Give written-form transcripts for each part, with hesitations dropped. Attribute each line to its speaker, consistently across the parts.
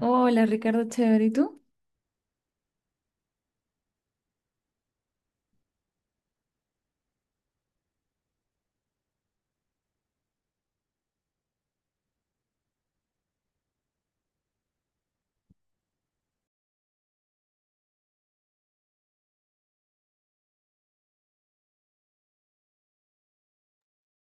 Speaker 1: Hola Ricardo, chévere, ¿y tú?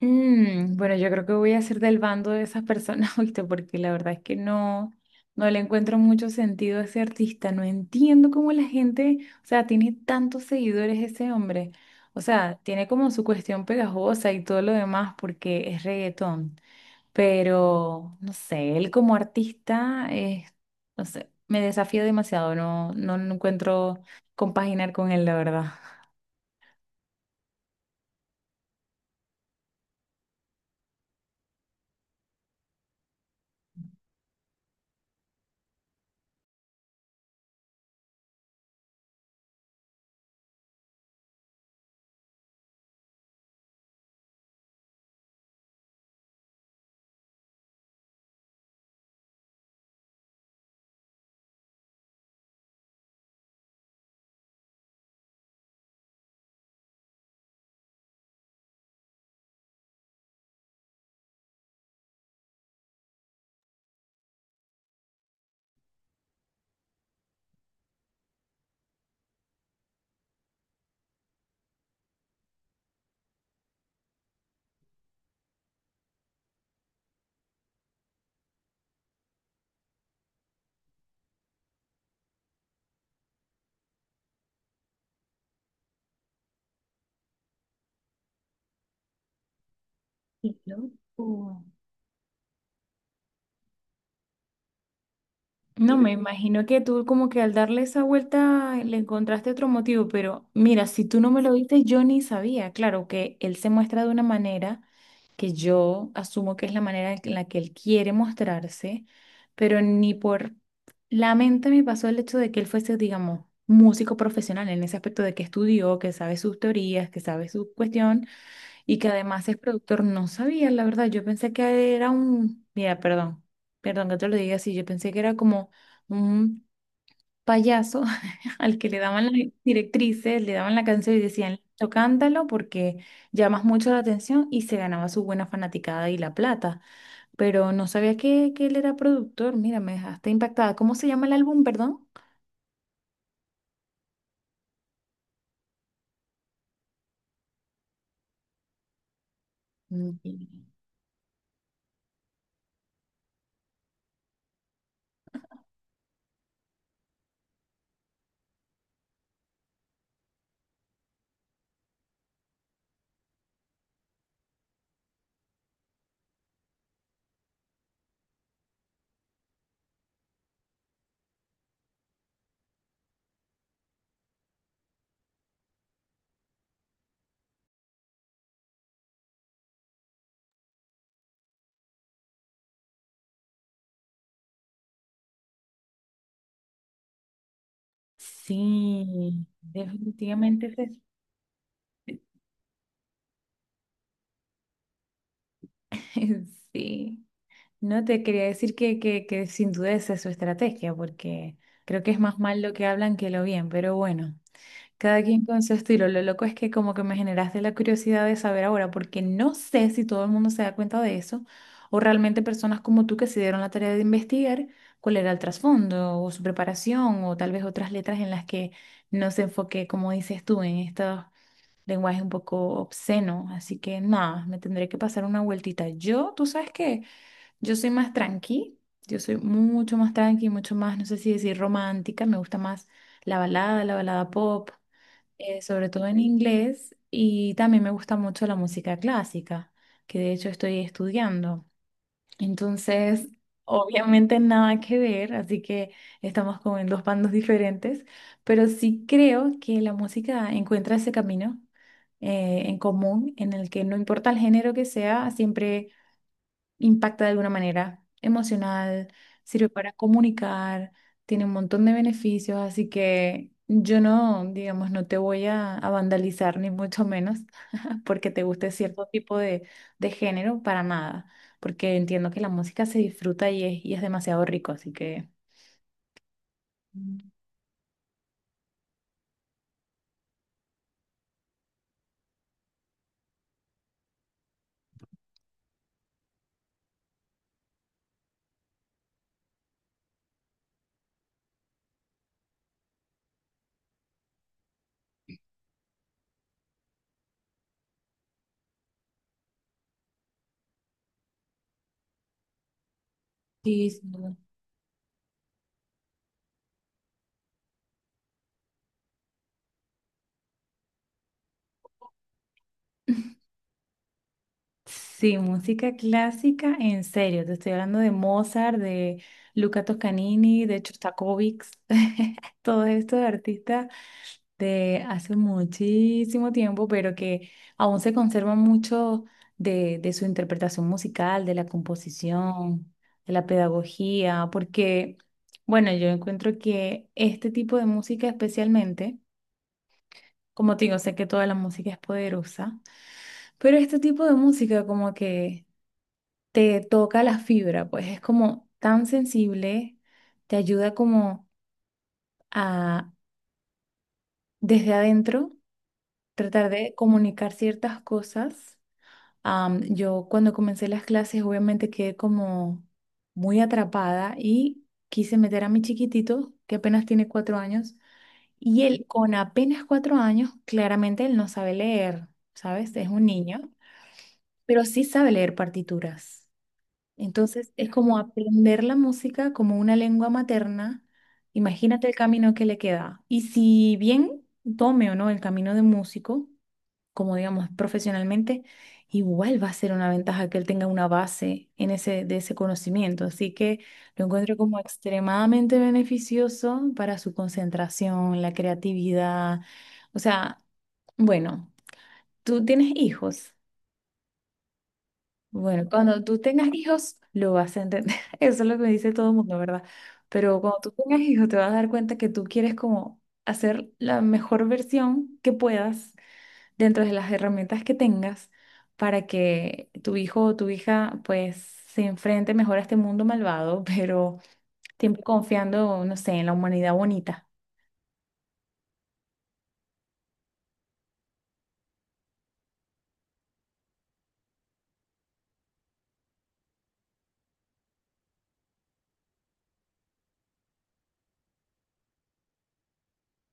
Speaker 1: Bueno, yo creo que voy a ser del bando de esas personas, ¿oíste? Porque la verdad es que no le encuentro mucho sentido a ese artista. No entiendo cómo la gente, o sea, tiene tantos seguidores ese hombre. O sea, tiene como su cuestión pegajosa y todo lo demás porque es reggaetón. Pero, no sé, él como artista, es, no sé, me desafía demasiado. No encuentro compaginar con él, la verdad. Qué loco. No, me imagino que tú como que al darle esa vuelta le encontraste otro motivo, pero mira, si tú no me lo diste, yo ni sabía. Claro que él se muestra de una manera que yo asumo que es la manera en la que él quiere mostrarse, pero ni por la mente me pasó el hecho de que él fuese, digamos, músico profesional en ese aspecto de que estudió, que sabe sus teorías, que sabe su cuestión y que además es productor. No sabía, la verdad, yo pensé que era un, mira, perdón, perdón que te lo diga así, yo pensé que era como un payaso al que le daban las directrices, le daban la canción y decían, "Listo, cántalo porque llamas mucho la atención y se ganaba su buena fanaticada y la plata, pero no sabía que él era productor, mira, me dejaste impactada. ¿Cómo se llama el álbum, perdón? Mm, sí, definitivamente es ese. Sí. No te quería decir que, que sin duda esa es su estrategia, porque creo que es más mal lo que hablan que lo bien, pero bueno, cada quien con su estilo. Lo loco es que como que me generaste la curiosidad de saber ahora, porque no sé si todo el mundo se da cuenta de eso, o realmente personas como tú que se dieron la tarea de investigar cuál era el trasfondo o su preparación, o tal vez otras letras en las que no se enfoque, como dices tú, en estos lenguajes un poco obscenos. Así que nada, me tendré que pasar una vueltita. Yo, tú sabes que... Yo soy más tranqui, yo soy mucho más tranqui, mucho más, no sé si decir romántica, me gusta más la balada pop, sobre todo en inglés, y también me gusta mucho la música clásica, que de hecho estoy estudiando. Entonces, obviamente nada que ver, así que estamos como en dos bandos diferentes, pero sí creo que la música encuentra ese camino en común en el que no importa el género que sea, siempre impacta de alguna manera emocional, sirve para comunicar, tiene un montón de beneficios, así que yo no, digamos, no te voy a vandalizar ni mucho menos porque te guste cierto tipo de género para nada, porque entiendo que la música se disfruta y es demasiado rico, así que... Mm, Sí, sí, sí, música clásica, en serio, te estoy hablando de Mozart, de Luca Toscanini, de Shostakovich, todos estos artistas de hace muchísimo tiempo, pero que aún se conservan mucho de, su interpretación musical, de la composición, de la pedagogía, porque, bueno, yo encuentro que este tipo de música especialmente, como te digo, sé que toda la música es poderosa, pero este tipo de música como que te toca la fibra, pues es como tan sensible, te ayuda como a desde adentro tratar de comunicar ciertas cosas. Yo cuando comencé las clases obviamente quedé como muy atrapada y quise meter a mi chiquitito, que apenas tiene cuatro años, y él con apenas cuatro años, claramente él no sabe leer, ¿sabes? Es un niño, pero sí sabe leer partituras. Entonces es como aprender la música como una lengua materna. Imagínate el camino que le queda. Y si bien tome o no el camino de músico, como digamos profesionalmente, igual va a ser una ventaja que él tenga una base en ese, de ese conocimiento. Así que lo encuentro como extremadamente beneficioso para su concentración, la creatividad. O sea, bueno, tú tienes hijos. Bueno, cuando tú tengas hijos, lo vas a entender. Eso es lo que me dice todo el mundo, ¿verdad? Pero cuando tú tengas hijos, te vas a dar cuenta que tú quieres como hacer la mejor versión que puedas dentro de las herramientas que tengas para que tu hijo o tu hija pues se enfrente mejor a este mundo malvado, pero siempre confiando, no sé, en la humanidad bonita.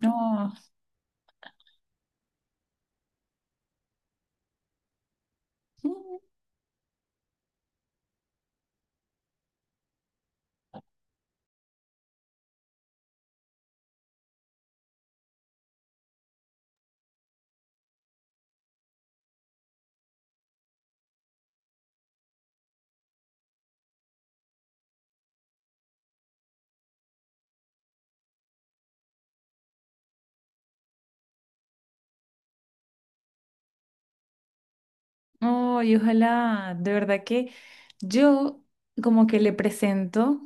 Speaker 1: No, no, y ojalá, de verdad que yo como que le presento.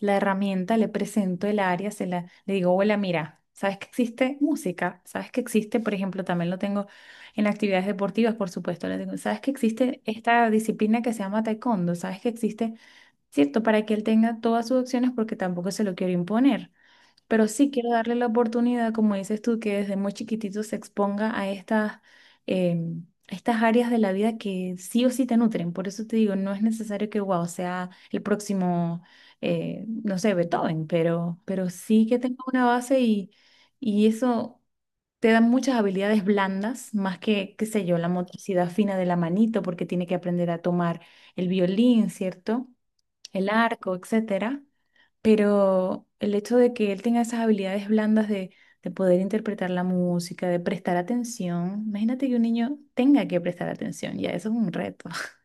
Speaker 1: La herramienta, le presento el área, le digo, hola, mira, ¿sabes que existe música? ¿Sabes que existe, por ejemplo, también lo tengo en actividades deportivas, por supuesto, le digo, ¿sabes que existe esta disciplina que se llama taekwondo? ¿Sabes que existe, cierto, para que él tenga todas sus opciones porque tampoco se lo quiero imponer? Pero sí quiero darle la oportunidad, como dices tú, que desde muy chiquitito se exponga a estas, a estas áreas de la vida que sí o sí te nutren. Por eso te digo, no es necesario que, wow, sea el próximo, no sé, Beethoven, pero sí que tenga una base y eso te da muchas habilidades blandas, más que, qué sé yo, la motricidad fina de la manito, porque tiene que aprender a tomar el violín, ¿cierto? El arco, etcétera, pero el hecho de que él tenga esas habilidades blandas de, poder interpretar la música, de prestar atención, imagínate que un niño tenga que prestar atención, ya eso es un reto.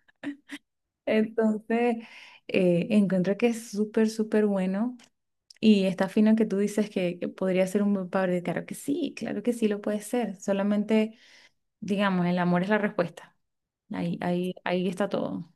Speaker 1: Entonces, encuentro que es súper, súper bueno y está fino que tú dices que podría ser un buen padre. Claro que sí lo puede ser. Solamente, digamos, el amor es la respuesta. Ahí, ahí, ahí está todo.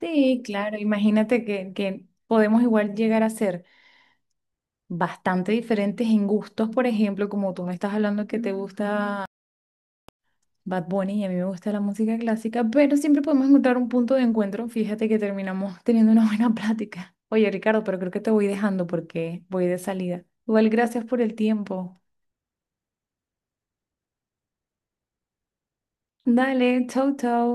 Speaker 1: Sí, claro, imagínate que podemos igual llegar a ser bastante diferentes en gustos, por ejemplo, como tú me estás hablando que te gusta Bad Bunny y a mí me gusta la música clásica, pero siempre podemos encontrar un punto de encuentro. Fíjate que terminamos teniendo una buena plática. Oye, Ricardo, pero creo que te voy dejando porque voy de salida. Igual, gracias por el tiempo. Dale, chau, chau.